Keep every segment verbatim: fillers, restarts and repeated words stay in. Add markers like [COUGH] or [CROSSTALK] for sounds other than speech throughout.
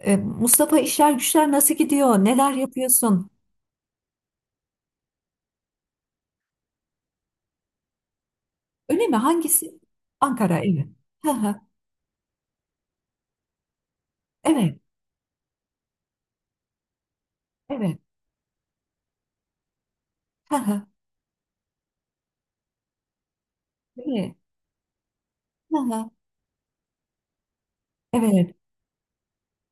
E, Mustafa, işler güçler nasıl gidiyor? Neler yapıyorsun? Öyle mi? Hangisi? Ankara, evet. Hı hı. Evet, evet. Hı hı. Evet, hı hı. Evet.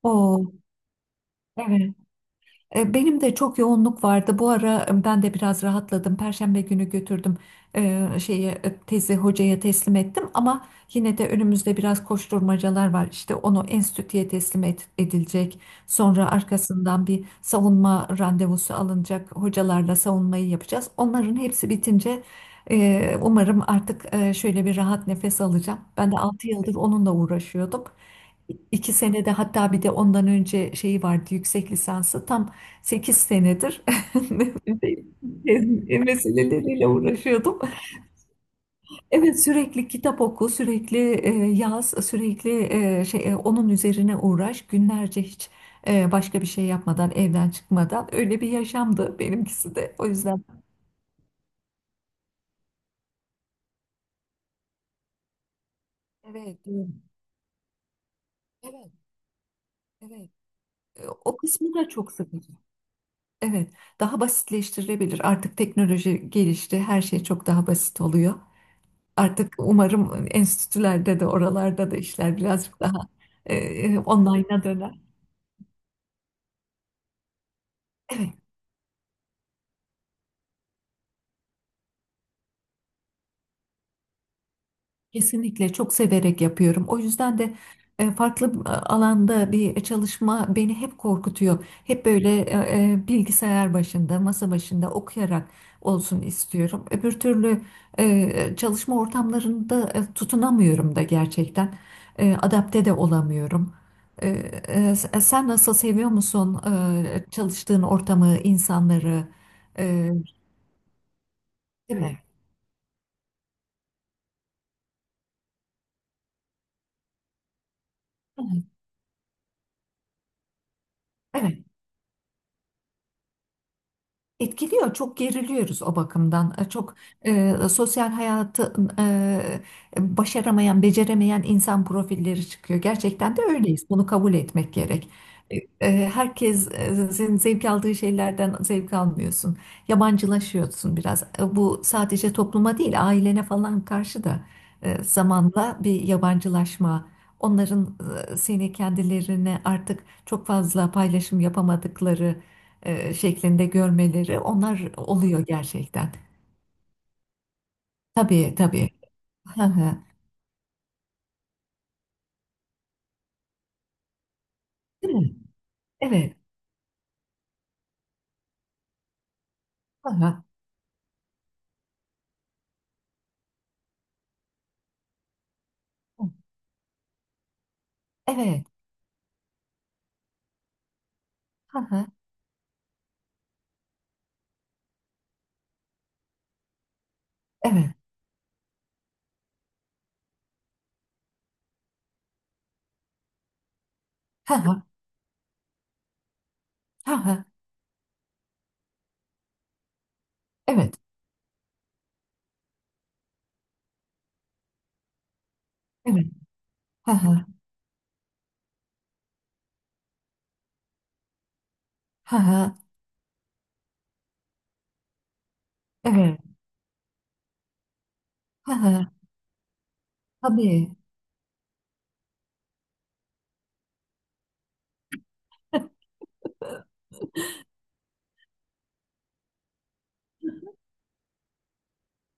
O, evet. E, Benim de çok yoğunluk vardı. Bu ara e, ben de biraz rahatladım. Perşembe günü götürdüm e, şeyi e, tezi hocaya teslim ettim, ama yine de önümüzde biraz koşturmacalar var. İşte onu enstitüye teslim et- edilecek. Sonra arkasından bir savunma randevusu alınacak. Hocalarla savunmayı yapacağız. Onların hepsi bitince e, umarım artık e, şöyle bir rahat nefes alacağım. Ben de altı yıldır onunla uğraşıyordum. İki senede hatta bir de ondan önce şeyi vardı yüksek lisansı. Tam sekiz senedir [LAUGHS] e, meseleleriyle uğraşıyordum. Evet, sürekli kitap oku, sürekli e, yaz, sürekli e, şey e, onun üzerine uğraş. Günlerce hiç e, başka bir şey yapmadan, evden çıkmadan öyle bir yaşamdı benimkisi de. O yüzden evet, e, evet, evet. E, O kısmı da çok sıkıcı. Evet, daha basitleştirilebilir. Artık teknoloji gelişti, her şey çok daha basit oluyor. Artık umarım enstitülerde de oralarda da işler birazcık daha e, online'a döner. Evet. Kesinlikle çok severek yapıyorum. O yüzden de e, farklı e, alanda bir çalışma beni hep korkutuyor. Hep böyle e, e, bilgisayar başında, masa başında okuyarak olsun istiyorum. Öbür türlü e, çalışma ortamlarında e, tutunamıyorum da gerçekten. E, adapte de olamıyorum. E, e, Sen nasıl, seviyor musun e, çalıştığın ortamı, insanları? E, Değil mi? Evet. Etkiliyor, çok geriliyoruz o bakımdan. E, Çok e, sosyal hayatı e, başaramayan, beceremeyen insan profilleri çıkıyor. Gerçekten de öyleyiz. Bunu kabul etmek gerek. E, e, herkesin zevk aldığı şeylerden zevk almıyorsun. Yabancılaşıyorsun biraz. E, bu sadece topluma değil, ailene falan karşı da e, zamanla bir yabancılaşma. Onların e, seni kendilerine artık çok fazla paylaşım yapamadıkları e, şeklinde görmeleri onlar oluyor gerçekten. Tabii, tabii. Hı hı. Değil mi? Evet. Hı hı. Evet. Hı hı. Evet. Hı hı. Hı hı. Evet. Evet. Hı hı. Hı hı. Evet. Hı hı. Tabii.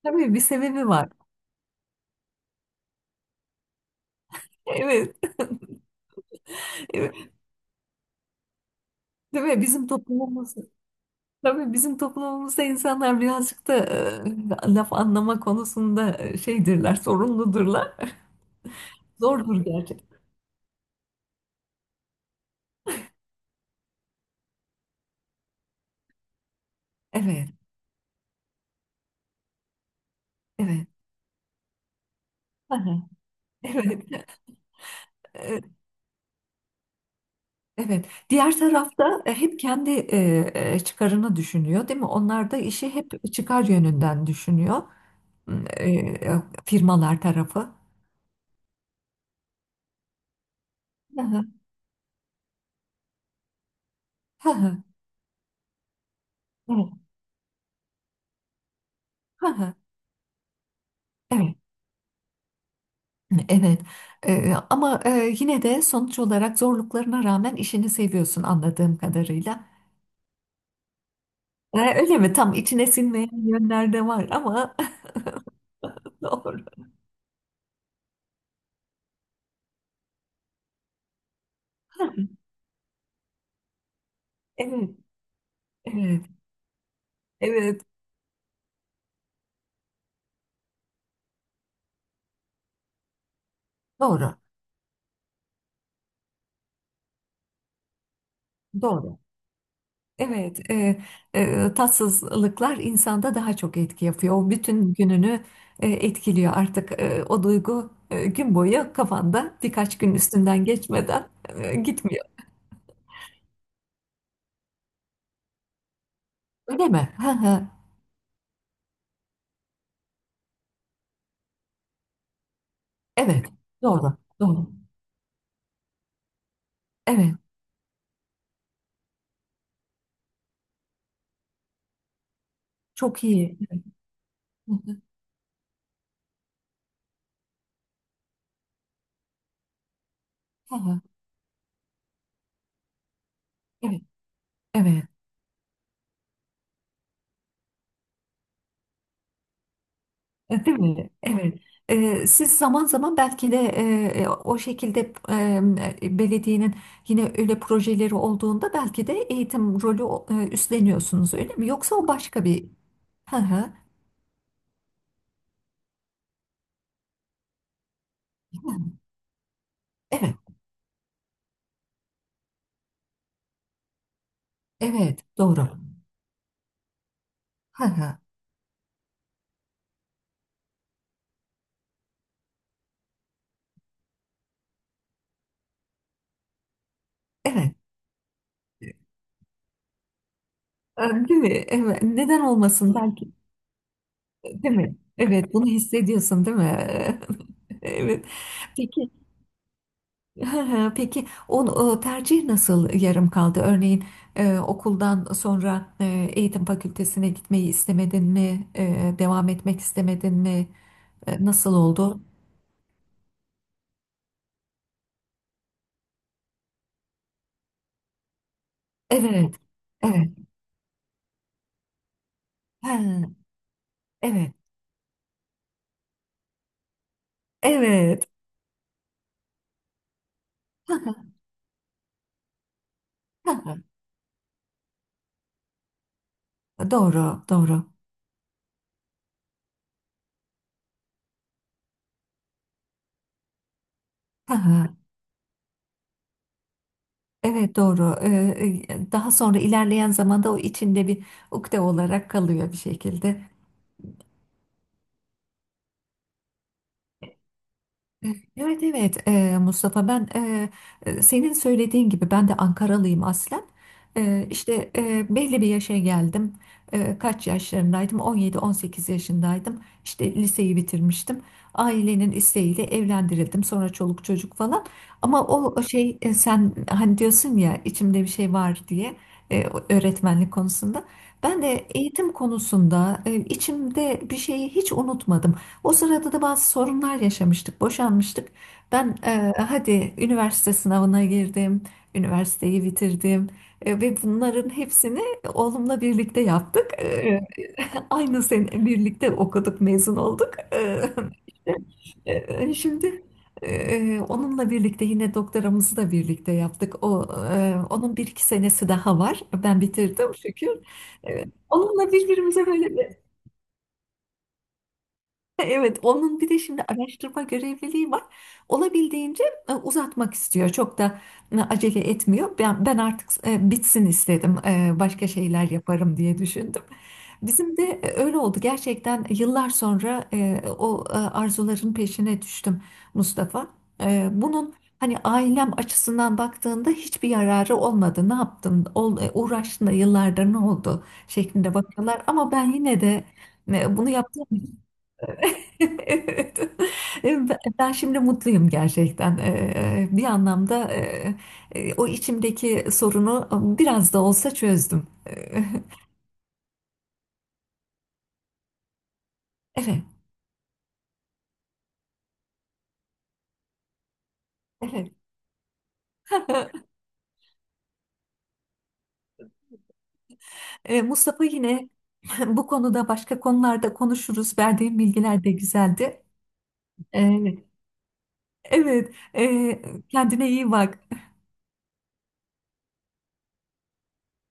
Tabii bir sebebi var. Evet. [LAUGHS] Evet. Değil mi? Bizim toplumumuz tabii bizim toplumumuzda insanlar birazcık da e, laf anlama konusunda e, şeydirler, sorunludurlar. [LAUGHS] Zordur gerçekten. Evet. Evet. Hı. Evet. [LAUGHS] E, Evet. Diğer tarafta e, hep kendi e, e, çıkarını düşünüyor, değil mi? Onlar da işi hep çıkar yönünden düşünüyor. E, e, Firmalar tarafı. Hı hı, hı hı. Evet. Hı hı. Evet. Evet. E, Ama e, yine de sonuç olarak zorluklarına rağmen işini seviyorsun, anladığım kadarıyla. E, Öyle mi? Tam içine sinmeyen yönler de var, ama [LAUGHS] doğru. Evet. Evet. Evet. Doğru. Doğru. Evet, e, e, tatsızlıklar insanda daha çok etki yapıyor. O bütün gününü e, etkiliyor artık. E, o duygu e, gün boyu kafanda, birkaç gün üstünden geçmeden e, gitmiyor. Öyle mi? Hı hı. Evet, doğru, doğru. Evet, çok iyi. Evet. Hı hı. Hı hı. Evet. Evet. E, Değil mi? Evet. Ee, siz zaman zaman belki de e, e, o şekilde e, belediyenin yine öyle projeleri olduğunda belki de eğitim rolü e, üstleniyorsunuz, öyle mi? Yoksa o başka bir... Hı hı. Evet, evet, doğru. Hı hı. Evet. Ee, Değil mi? Evet. Neden olmasın, belki? Değil mi? Evet, bunu hissediyorsun, değil mi? [LAUGHS] Evet. Peki. Hı hı. Peki, o, o tercih nasıl yarım kaldı? Örneğin e, okuldan sonra e, eğitim fakültesine gitmeyi istemedin mi? E, devam etmek istemedin mi? E, nasıl oldu? Evet, evet. Ha, evet, evet. Ha, doğru, doğru. Ha, evet, doğru. E, e, daha sonra ilerleyen zamanda o içinde bir ukde olarak kalıyor bir şekilde. Evet, evet, e, Mustafa, ben e, e, senin söylediğin gibi ben de Ankaralıyım aslen. E, işte e, belli bir yaşa geldim. E, kaç yaşlarındaydım? on yedi on sekiz yaşındaydım. İşte liseyi bitirmiştim. Ailenin isteğiyle evlendirildim. Sonra çoluk çocuk falan. Ama o o şey, e, sen hani diyorsun ya, içimde bir şey var diye e, öğretmenlik konusunda. Ben de eğitim konusunda e, içimde bir şeyi hiç unutmadım. O sırada da bazı sorunlar yaşamıştık, boşanmıştık. Ben e, hadi üniversite sınavına girdim, üniversiteyi bitirdim. E, ve bunların hepsini oğlumla birlikte yaptık. E, aynı sene birlikte okuduk, mezun olduk. E, işte, e, şimdi e, onunla birlikte yine doktoramızı da birlikte yaptık. O, e, onun bir iki senesi daha var. Ben bitirdim şükür. E, Onunla birbirimize böyle... [LAUGHS] Evet, onun bir de şimdi araştırma görevliliği var. Olabildiğince e, uzatmak istiyor. Çok da e, acele etmiyor. Ben, ben artık e, bitsin istedim. E, Başka şeyler yaparım diye düşündüm. Bizim de e, öyle oldu. Gerçekten yıllar sonra e, o e, arzuların peşine düştüm, Mustafa. E, Bunun, hani, ailem açısından baktığında hiçbir yararı olmadı. Ne yaptın? Ol- e, Uğraştın da yıllardır ne oldu, şeklinde bakıyorlar. Ama ben yine de e, bunu yaptım. Evet. [LAUGHS] E, Ben ben şimdi mutluyum gerçekten. Ee, e, Bir anlamda e, e, o içimdeki sorunu biraz da olsa çözdüm. Ee, Evet, evet. [LAUGHS] Ee, Mustafa, yine [LAUGHS] bu konuda, başka konularda konuşuruz. Verdiğim bilgiler de güzeldi. Ee, Evet, e, kendine iyi bak.